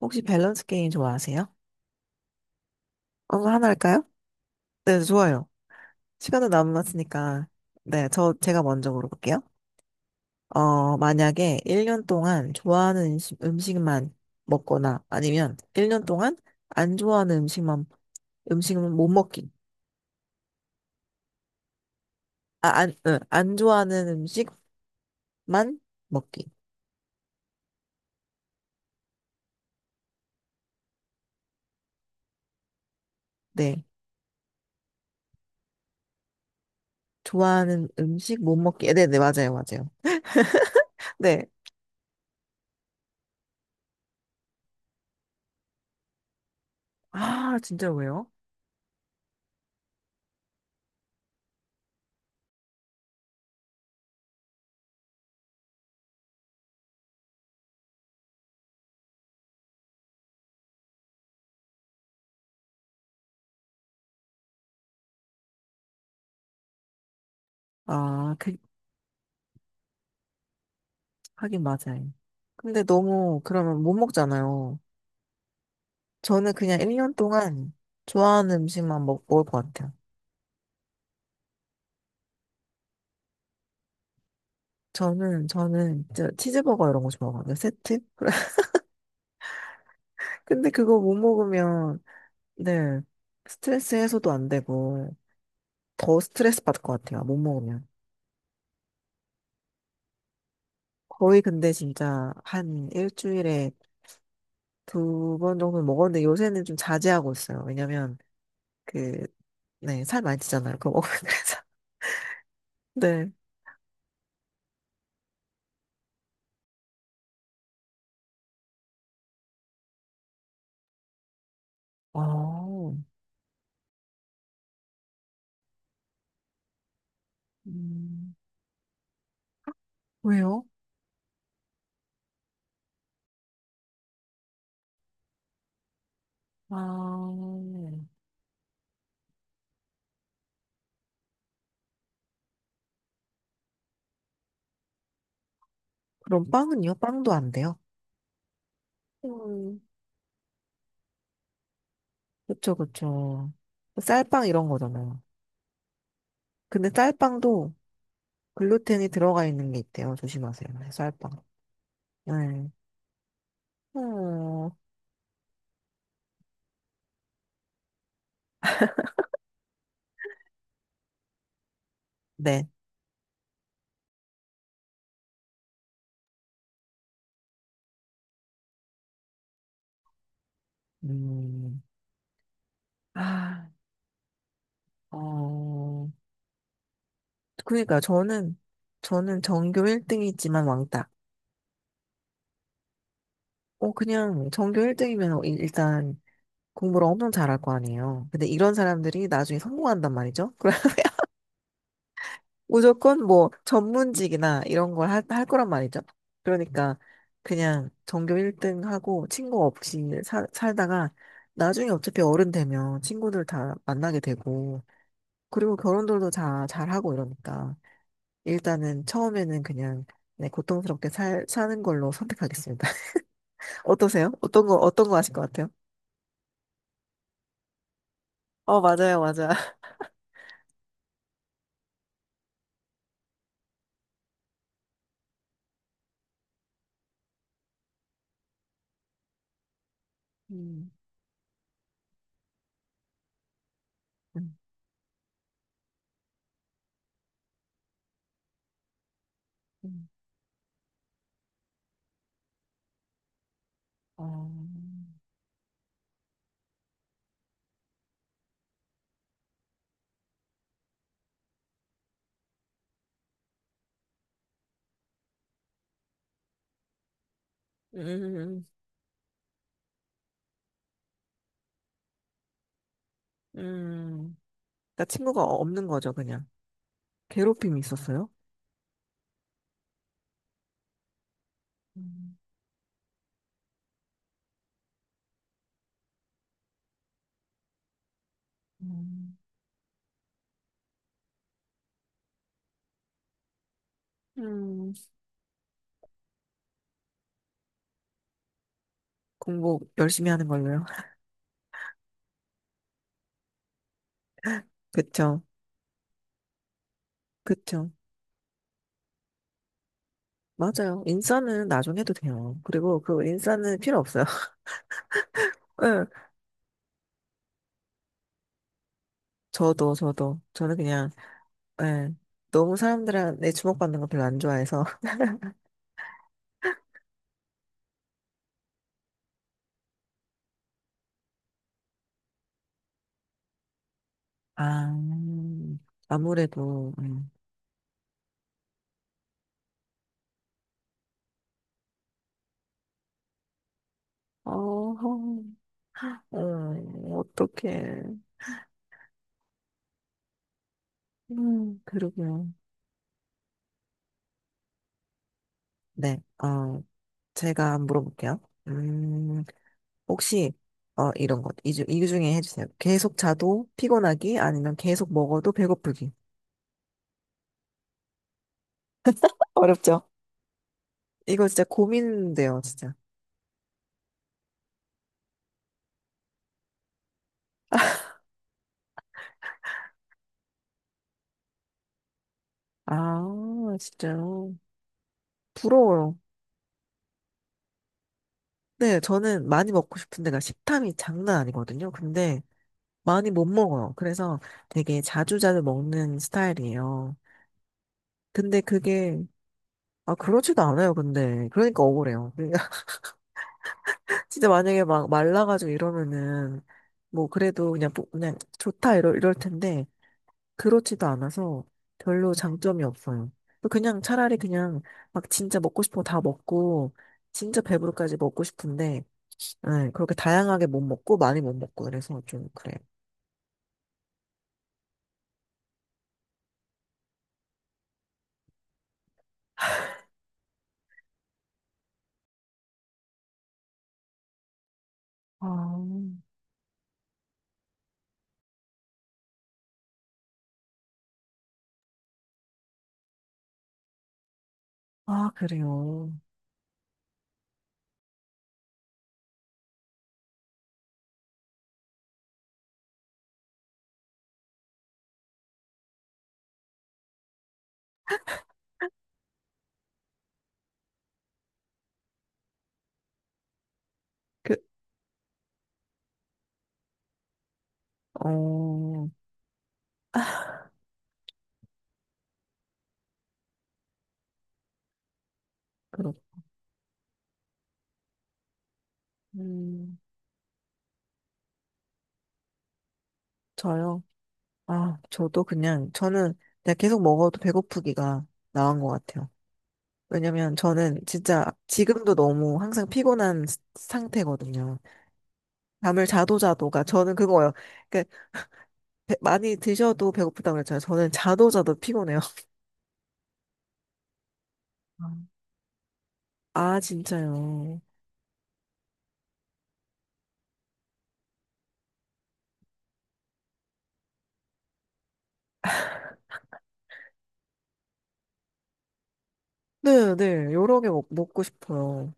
혹시 밸런스 게임 좋아하세요? 한번 하나 할까요? 네, 좋아요. 시간도 남았으니까. 네, 제가 먼저 물어볼게요. 만약에 1년 동안 좋아하는 음식, 음식만 먹거나 아니면 1년 동안 안 좋아하는 음식만, 음식은 못 먹기. 아, 안, 응, 안 좋아하는 음식만 먹기. 네. 좋아하는 음식 못 먹기. 네네, 맞아요, 맞아요. 네. 아, 진짜 왜요? 아, 그게 하긴 맞아요. 근데 너무 그러면 못 먹잖아요. 저는 그냥 1년 동안 좋아하는 음식만 먹을 것 같아요. 저는, 저는 진짜 치즈버거 이런 거 좋아하거든요. 세트? 근데 그거 못 먹으면, 네, 스트레스 해소도 안 되고, 더 스트레스 받을 것 같아요. 못 먹으면. 거의 근데 진짜 한 일주일에 두 번 정도 는 먹었는데 요새는 좀 자제하고 있어요. 왜냐면, 그, 네, 살 많이 찌잖아요. 그거 먹으면. 그래서. 네. 아, 음. 왜요? 아, 그럼 빵은요? 빵도 안 돼요? 음, 그쵸, 그쵸. 쌀빵 이런 거잖아요. 근데 쌀빵도 글루텐이 들어가 있는 게 있대요. 조심하세요. 네, 쌀빵. 네. 어, 네. 음, 아, 어, 그러니까 저는, 저는 전교 1등이지만 왕따. 그냥 전교 1등이면 일단 공부를 엄청 잘할 거 아니에요. 근데 이런 사람들이 나중에 성공한단 말이죠. 무조건 뭐 전문직이나 이런 걸 할 거란 말이죠. 그러니까 그냥 전교 1등 하고 친구 없이 살 살다가 나중에 어차피 어른 되면 친구들 다 만나게 되고 그리고 결혼들도 다 잘하고 이러니까 일단은 처음에는 그냥 네, 고통스럽게 사는 걸로 선택하겠습니다. 어떠세요? 어떤 거, 어떤 거 하실 것 같아요? 맞아요, 맞아. 음, 음, 음. 어, 음, 음. 그러니까 친구가 없는 거죠, 그냥. 괴롭힘이 있었어요? 음, 음. 음, 공부 열심히 하는 걸로요. 그쵸, 그쵸. 맞아요. 인싸는 나중에 해도 돼요. 그리고 그 인싸는 필요 없어요. 예, 저도, 저도. 저는 그냥, 예, 너무 사람들한테 주목받는 거 별로 안 좋아해서. 아, 아무래도, 어, 어떡해. 그러게요. 네, 어, 제가 물어볼게요. 음, 혹시 이런 것 이 중에 해주세요. 계속 자도 피곤하기 아니면 계속 먹어도 배고프기. 어렵죠? 이거 진짜 고민돼요, 진짜. 아, 진짜 부러워요. 네, 저는 많이 먹고 싶은데가 식탐이 장난 아니거든요. 근데 많이 못 먹어요. 그래서 되게 자주자주 먹는 스타일이에요. 근데 그게 아 그렇지도 않아요. 근데 그러니까 억울해요. 그러니까 진짜 만약에 막 말라가지고 이러면은 뭐 그래도 그냥 그냥 좋다 이럴 텐데. 그렇지도 않아서 별로 장점이 없어요. 그냥 차라리 그냥 막 진짜 먹고 싶은 거 다 먹고 진짜 배부르까지 먹고 싶은데 네, 그렇게 다양하게 못 먹고 많이 못 먹고 그래서 좀 그래요. 아, 아, 그래요. 그, 어, 그렇, 음, 저요. 아, 저도 그냥 저는 그냥 계속 먹어도 배고프기가 나은 것 같아요. 왜냐면 저는 진짜 지금도 너무 항상 피곤한 상태거든요. 잠을 자도 자도가 저는 그거예요. 그러니까 많이 드셔도 배고프다고 그랬잖아요. 저는 자도 자도 피곤해요. 음. 아, 진짜요? 네, 네. 여러 개 먹고 싶어요.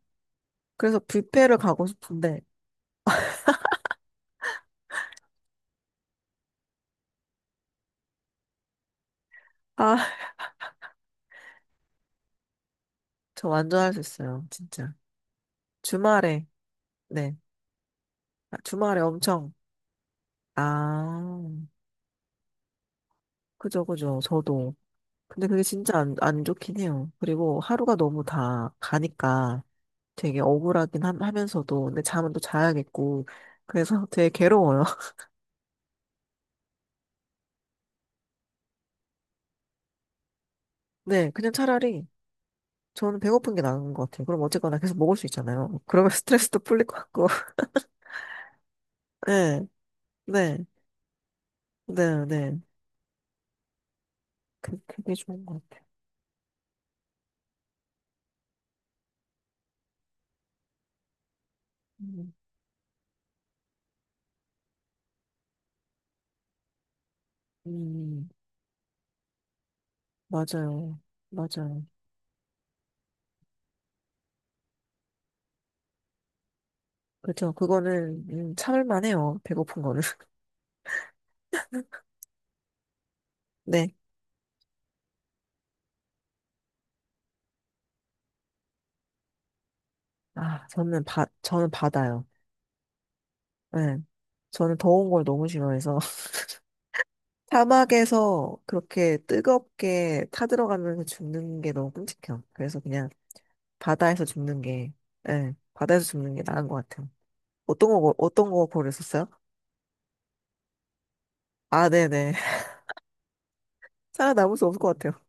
그래서 뷔페를 가고 싶은데, 아, 저 완전 할 수 있어요. 진짜. 주말에, 네. 아, 주말에 엄청, 아, 그죠, 그죠. 저도. 근데 그게 진짜 안 좋긴 해요. 그리고 하루가 너무 다 가니까 되게 억울하긴 면서도 근데 잠은 또 자야겠고, 그래서 되게 괴로워요. 네, 그냥 차라리 저는 배고픈 게 나은 것 같아요. 그럼 어쨌거나 계속 먹을 수 있잖아요. 그러면 스트레스도 풀릴 것 같고. 네, 네, 네, 네. 그게 좋은 것 같아요. 음, 음, 맞아요. 맞아요. 그렇죠. 그거는 참을 만해요. 배고픈 거는. 네. 아, 저는 저는 바다요. 네. 저는 더운 걸 너무 싫어해서 사막에서 그렇게 뜨겁게 타들어가면서 죽는 게 너무 끔찍해요. 그래서 그냥 바다에서 죽는 게, 예, 바다에서 죽는 게 나은 것 같아요. 어떤 거, 어떤 거 고르셨어요? 아, 네네. 살아남을 수 없을 것 같아요.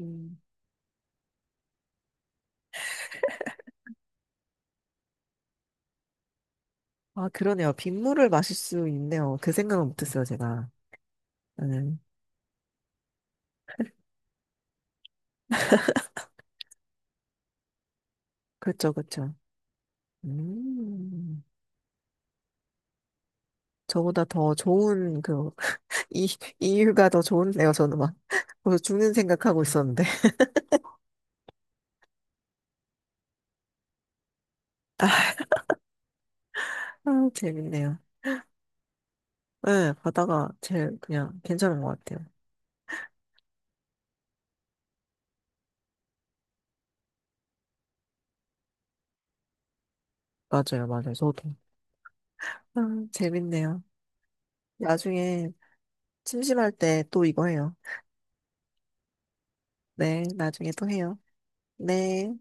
음. 아, 그러네요. 빗물을 마실 수 있네요. 그 생각은 못했어요, 제가. 네. 그렇죠, 그렇죠. 음. 저보다 더 좋은, 그, 이, 이유가 더 좋은데요, 저는 막. 벌써 죽는 생각하고 있었는데. 아, 아, 재밌네요. 네, 바다가 제일 그냥 괜찮은 것 같아요. 맞아요, 맞아요. 저도. 아, 재밌네요. 나중에 심심할 때 또 이거 해요. 네, 나중에 또 해요. 네.